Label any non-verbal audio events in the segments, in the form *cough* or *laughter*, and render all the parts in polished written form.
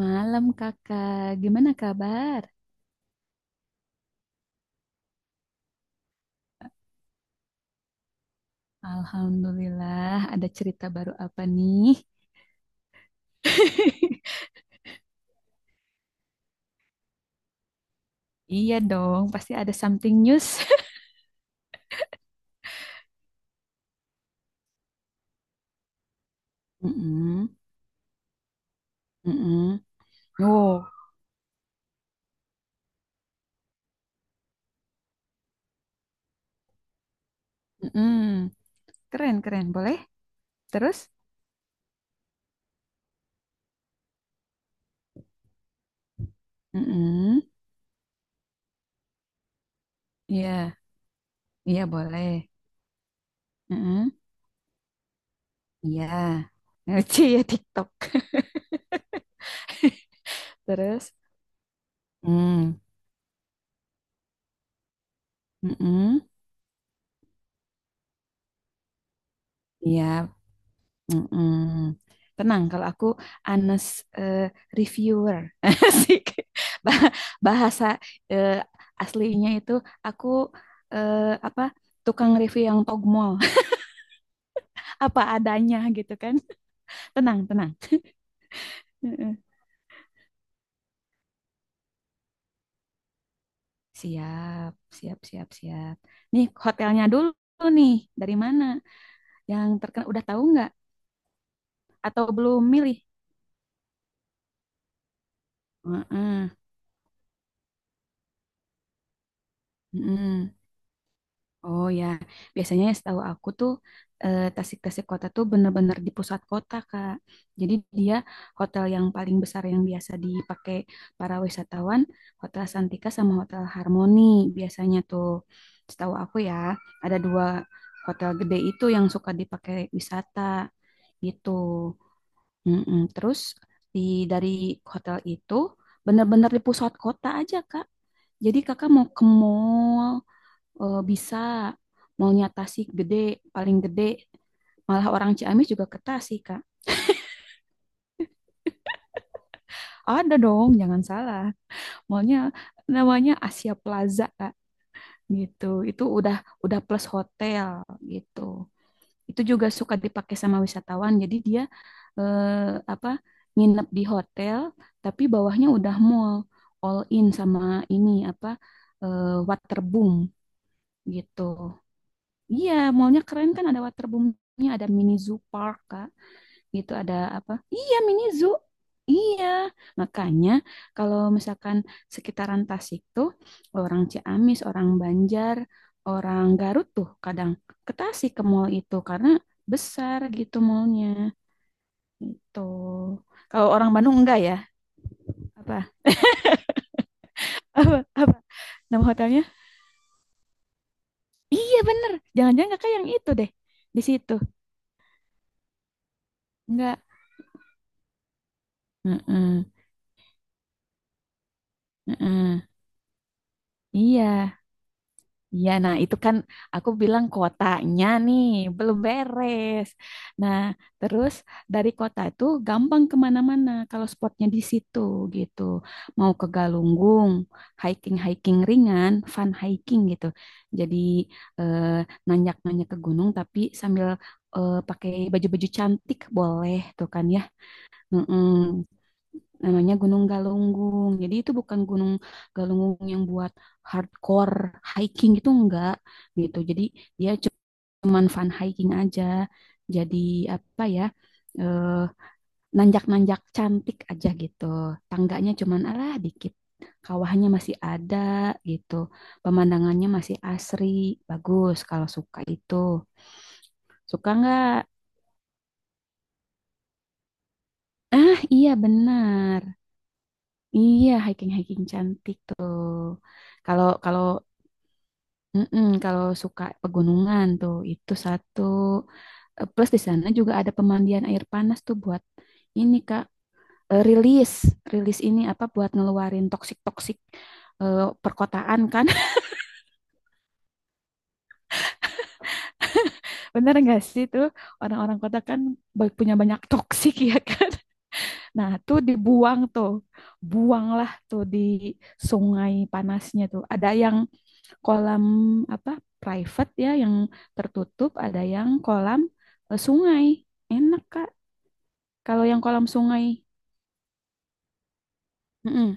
Malam kakak, gimana kabar? Alhamdulillah, ada cerita baru apa nih? *laughs* Iya dong, pasti ada something news. *laughs* Mm-mm, mm-mm. Wow, mm-mm. Keren, keren. Boleh? Terus? Mm-mm. Iya, iya boleh. Mm-mm. Iya, *laughs* Ngeci ya TikTok. *laughs* Terus? Mm. Mm-mm. Iya, Mm-mm. Tenang, kalau aku honest eh, reviewer. *laughs* Asik. Bah- Bahasa eh, aslinya itu aku eh, apa tukang review yang togmol, *laughs* apa adanya gitu kan. Tenang, tenang. mm Siap, siap. Nih hotelnya dulu nih, dari mana? Yang terkenal udah tahu nggak? Atau belum milih? Heeh. mm Oh ya, biasanya setahu aku tuh Tasik-Tasik kota tuh bener-bener di pusat kota, Kak. Jadi dia hotel yang paling besar yang biasa dipakai para wisatawan, Hotel Santika sama Hotel Harmoni biasanya tuh. Setahu aku ya, ada dua hotel gede itu yang suka dipakai wisata gitu. Mm-mm. Terus di dari hotel itu bener-bener di pusat kota aja, Kak. Jadi kakak mau ke mall, bisa maunya Tasik gede, paling gede. Malah orang Ciamis juga ke Tasik, Kak. Ada dong, jangan salah. Maunya namanya Asia Plaza, Kak. Gitu. Itu udah plus hotel gitu. Itu juga suka dipakai sama wisatawan. Jadi dia eh, apa nginep di hotel tapi bawahnya udah mall all in sama ini apa waterboom gitu. Iya, mallnya keren kan ada waterboomnya, ada mini zoo park kak, gitu ada apa? Iya mini zoo, iya makanya kalau misalkan sekitaran Tasik tuh orang Ciamis, orang Banjar, orang Garut tuh kadang ke Tasik ke mall itu karena besar gitu mallnya gitu. Kalau orang Bandung enggak ya? Apa? *laughs* Apa? Apa? Nama hotelnya? Iya bener, jangan-jangan kakak yang itu deh di situ, enggak? Heeh, heeh. Iya. Iya, nah itu kan aku bilang kotanya nih belum beres. Nah, terus dari kota itu gampang kemana-mana kalau spotnya di situ gitu. Mau ke Galunggung, hiking-hiking ringan, fun hiking gitu. Jadi eh, nanjak-nanjak ke gunung tapi sambil pakai baju-baju cantik boleh tuh kan ya. Mm-mm, namanya Gunung Galunggung. Jadi itu bukan Gunung Galunggung yang buat hardcore hiking gitu enggak gitu. Jadi dia cuman fun hiking aja. Jadi apa ya? eh, nanjak-nanjak cantik aja gitu. Tangganya cuman alah dikit. Kawahnya masih ada gitu. Pemandangannya masih asri, bagus kalau suka itu. Suka nggak? Ah, iya benar. Iya, hiking-hiking cantik tuh. Kalau kalau mm-mm, kalau suka pegunungan tuh itu satu. Eh, Plus di sana juga ada pemandian air panas tuh buat ini Kak, eh, rilis, rilis ini apa buat ngeluarin toksik-toksik perkotaan kan. *laughs* Bener nggak sih tuh orang-orang kota kan punya banyak toksik ya kan. *laughs* Nah, tuh dibuang tuh. Buanglah tuh di sungai panasnya tuh. Ada yang kolam apa private ya yang tertutup, ada yang kolam sungai. Enak Kak. Kalau yang kolam sungai, mm-mm,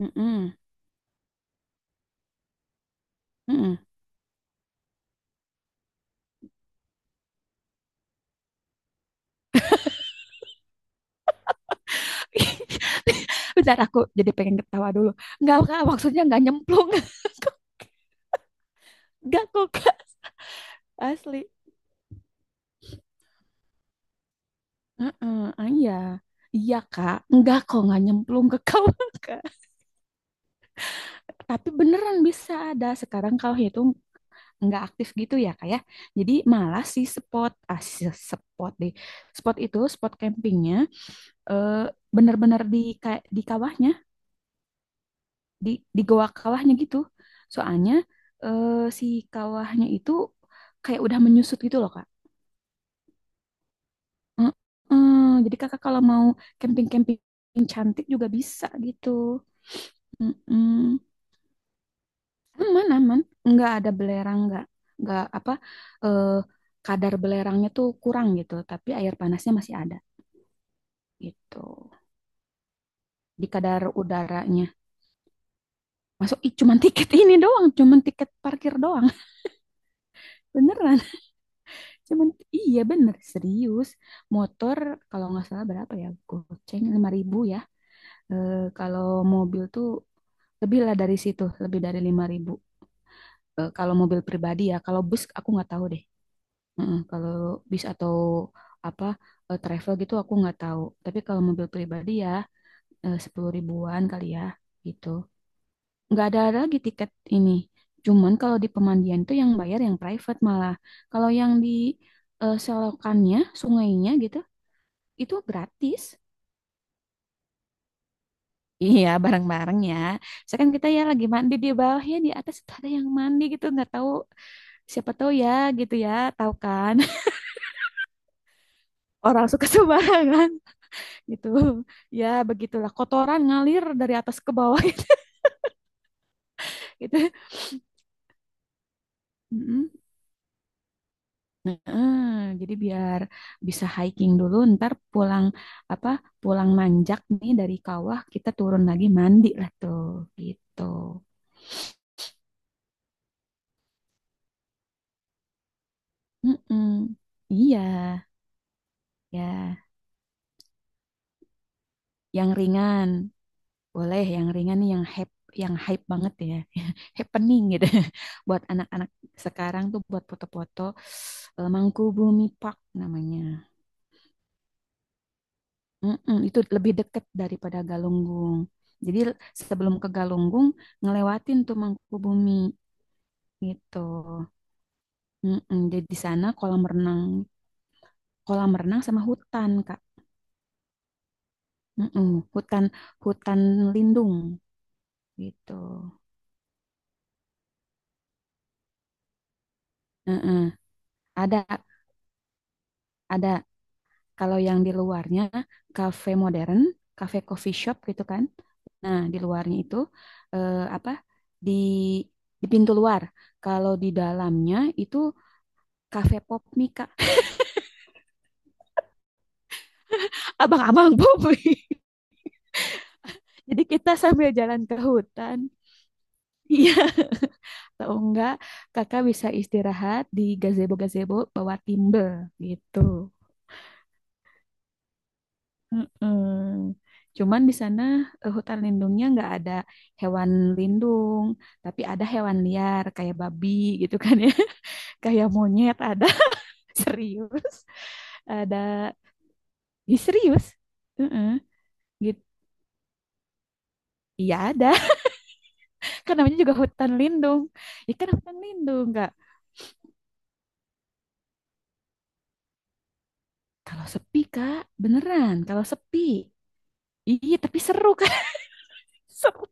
mm-mm, mm-mm. *laughs* Bentar aku jadi pengen ketawa dulu. Enggak Kak, maksudnya enggak nyemplung. *laughs* Enggak kok Kak, asli. Heeh, ah, iya. Iya Kak, enggak kok enggak nyemplung ke kawah *laughs* Kak. Tapi beneran bisa ada sekarang kalau itu nggak aktif gitu ya kak ya, jadi malah si spot ah si spot deh spot itu spot campingnya eh, bener-bener di kawahnya, di di goa kawahnya gitu soalnya eh, si kawahnya itu kayak udah menyusut gitu loh kak. Mm-mm. Jadi kakak kalau mau camping-camping cantik juga bisa gitu. Mm-mm. aman aman nggak ada belerang, nggak apa eh, kadar belerangnya tuh kurang gitu, tapi air panasnya masih ada. Gitu, di kadar udaranya. Masuk ih cuman tiket ini doang, cuman tiket parkir doang. *laughs* Beneran cuman, iya bener serius. Motor kalau nggak salah berapa ya, goceng, 5.000 ya. Eh, kalau mobil tuh lebih lah dari situ, lebih dari 5.000. Eh, kalau mobil pribadi ya, kalau bus aku nggak tahu deh. Kalau bis atau apa travel gitu aku nggak tahu, tapi kalau mobil pribadi ya 10.000-an kali ya gitu. Nggak ada lagi tiket ini. Cuman kalau di pemandian tuh yang bayar yang private malah. Kalau yang di selokannya, sungainya gitu, itu gratis. Iya, bareng-bareng ya. Misalkan kita ya lagi mandi di bawah ya, di atas tuh ada yang mandi gitu, nggak tahu siapa tahu ya gitu ya, tahu kan? *laughs* Orang suka sembarangan gitu. Ya begitulah, kotoran ngalir dari atas ke bawah *laughs* gitu. Gitu. Mm-mm. Heeh, jadi biar bisa hiking dulu, ntar pulang apa pulang manjak nih dari kawah kita turun lagi mandi lah tuh gitu. Mm-mm. Iya, ya yang ringan boleh, yang ringan nih yang hype, yang hype banget ya, *laughs* happening gitu. *laughs* Buat anak-anak sekarang tuh buat foto-foto Mangkubumi Park namanya. Mm-mm, itu lebih dekat daripada Galunggung. Jadi sebelum ke Galunggung ngelewatin tuh Mangkubumi gitu. Mm-mm, jadi di sana kolam renang sama hutan Kak. Mm-mm, hutan hutan lindung gitu. Mm-mm. Ada ada kalau yang di luarnya kafe modern, kafe coffee shop gitu kan. Nah di luarnya itu eh, apa di di pintu luar. Kalau di dalamnya itu kafe pop mie kak. *laughs* Abang-abang pop mie *laughs* jadi kita sambil jalan ke hutan. *laughs* Iya, atau enggak kakak bisa istirahat di gazebo gazebo bawah timbel gitu. Mm-mm. Cuman di sana hutan lindungnya nggak ada hewan lindung, tapi ada hewan liar kayak babi gitu kan ya, *laughs* kayak monyet ada. *laughs* Serius, ada. Ih, serius. Heeh. Gitu. Iya ada, *laughs* kan namanya juga hutan lindung. Ya kan hutan lindung nggak. Kalau sepi Kak, beneran. Kalau sepi. Iya, tapi seru Kak. *laughs* Seru.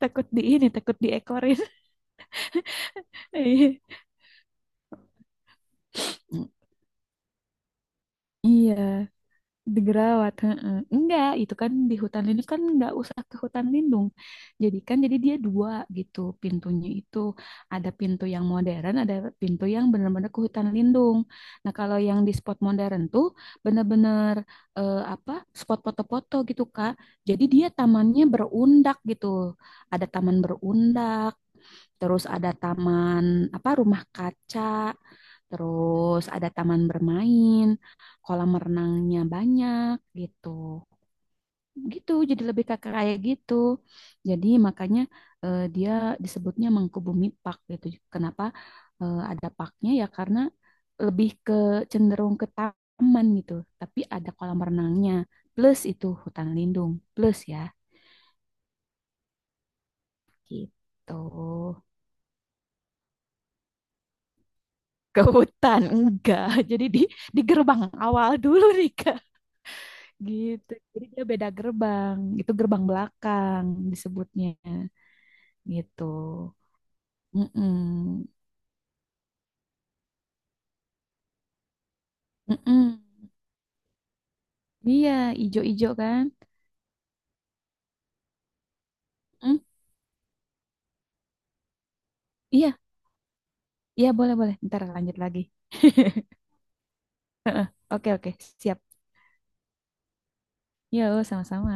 Takut di ini, takut diekorin. *laughs* Iya. Digerawat heeh. Enggak, itu kan di hutan lindung, kan enggak usah ke hutan lindung, jadi kan jadi dia dua gitu pintunya itu. Ada pintu yang modern, ada pintu yang benar-benar ke hutan lindung. Nah kalau yang di spot modern tuh benar-benar eh, apa spot foto-foto gitu Kak. Jadi dia tamannya berundak gitu, ada taman berundak, terus ada taman apa rumah kaca, terus ada taman bermain, kolam renangnya banyak gitu. Gitu, jadi lebih ke kayak gitu. Jadi makanya dia disebutnya Mangkubumi Park gitu. Kenapa ada parknya ya karena lebih ke cenderung ke taman gitu, tapi ada kolam renangnya plus itu hutan lindung plus ya gitu. Ke hutan enggak. *laughs* Jadi di gerbang awal dulu nih kak gitu. Jadi dia beda gerbang, itu gerbang belakang disebutnya gitu. mm iya, ijo-ijo kan. Mm, iya, iya boleh, ntar lanjut lagi. *laughs* oke oke siap, yuk sama-sama.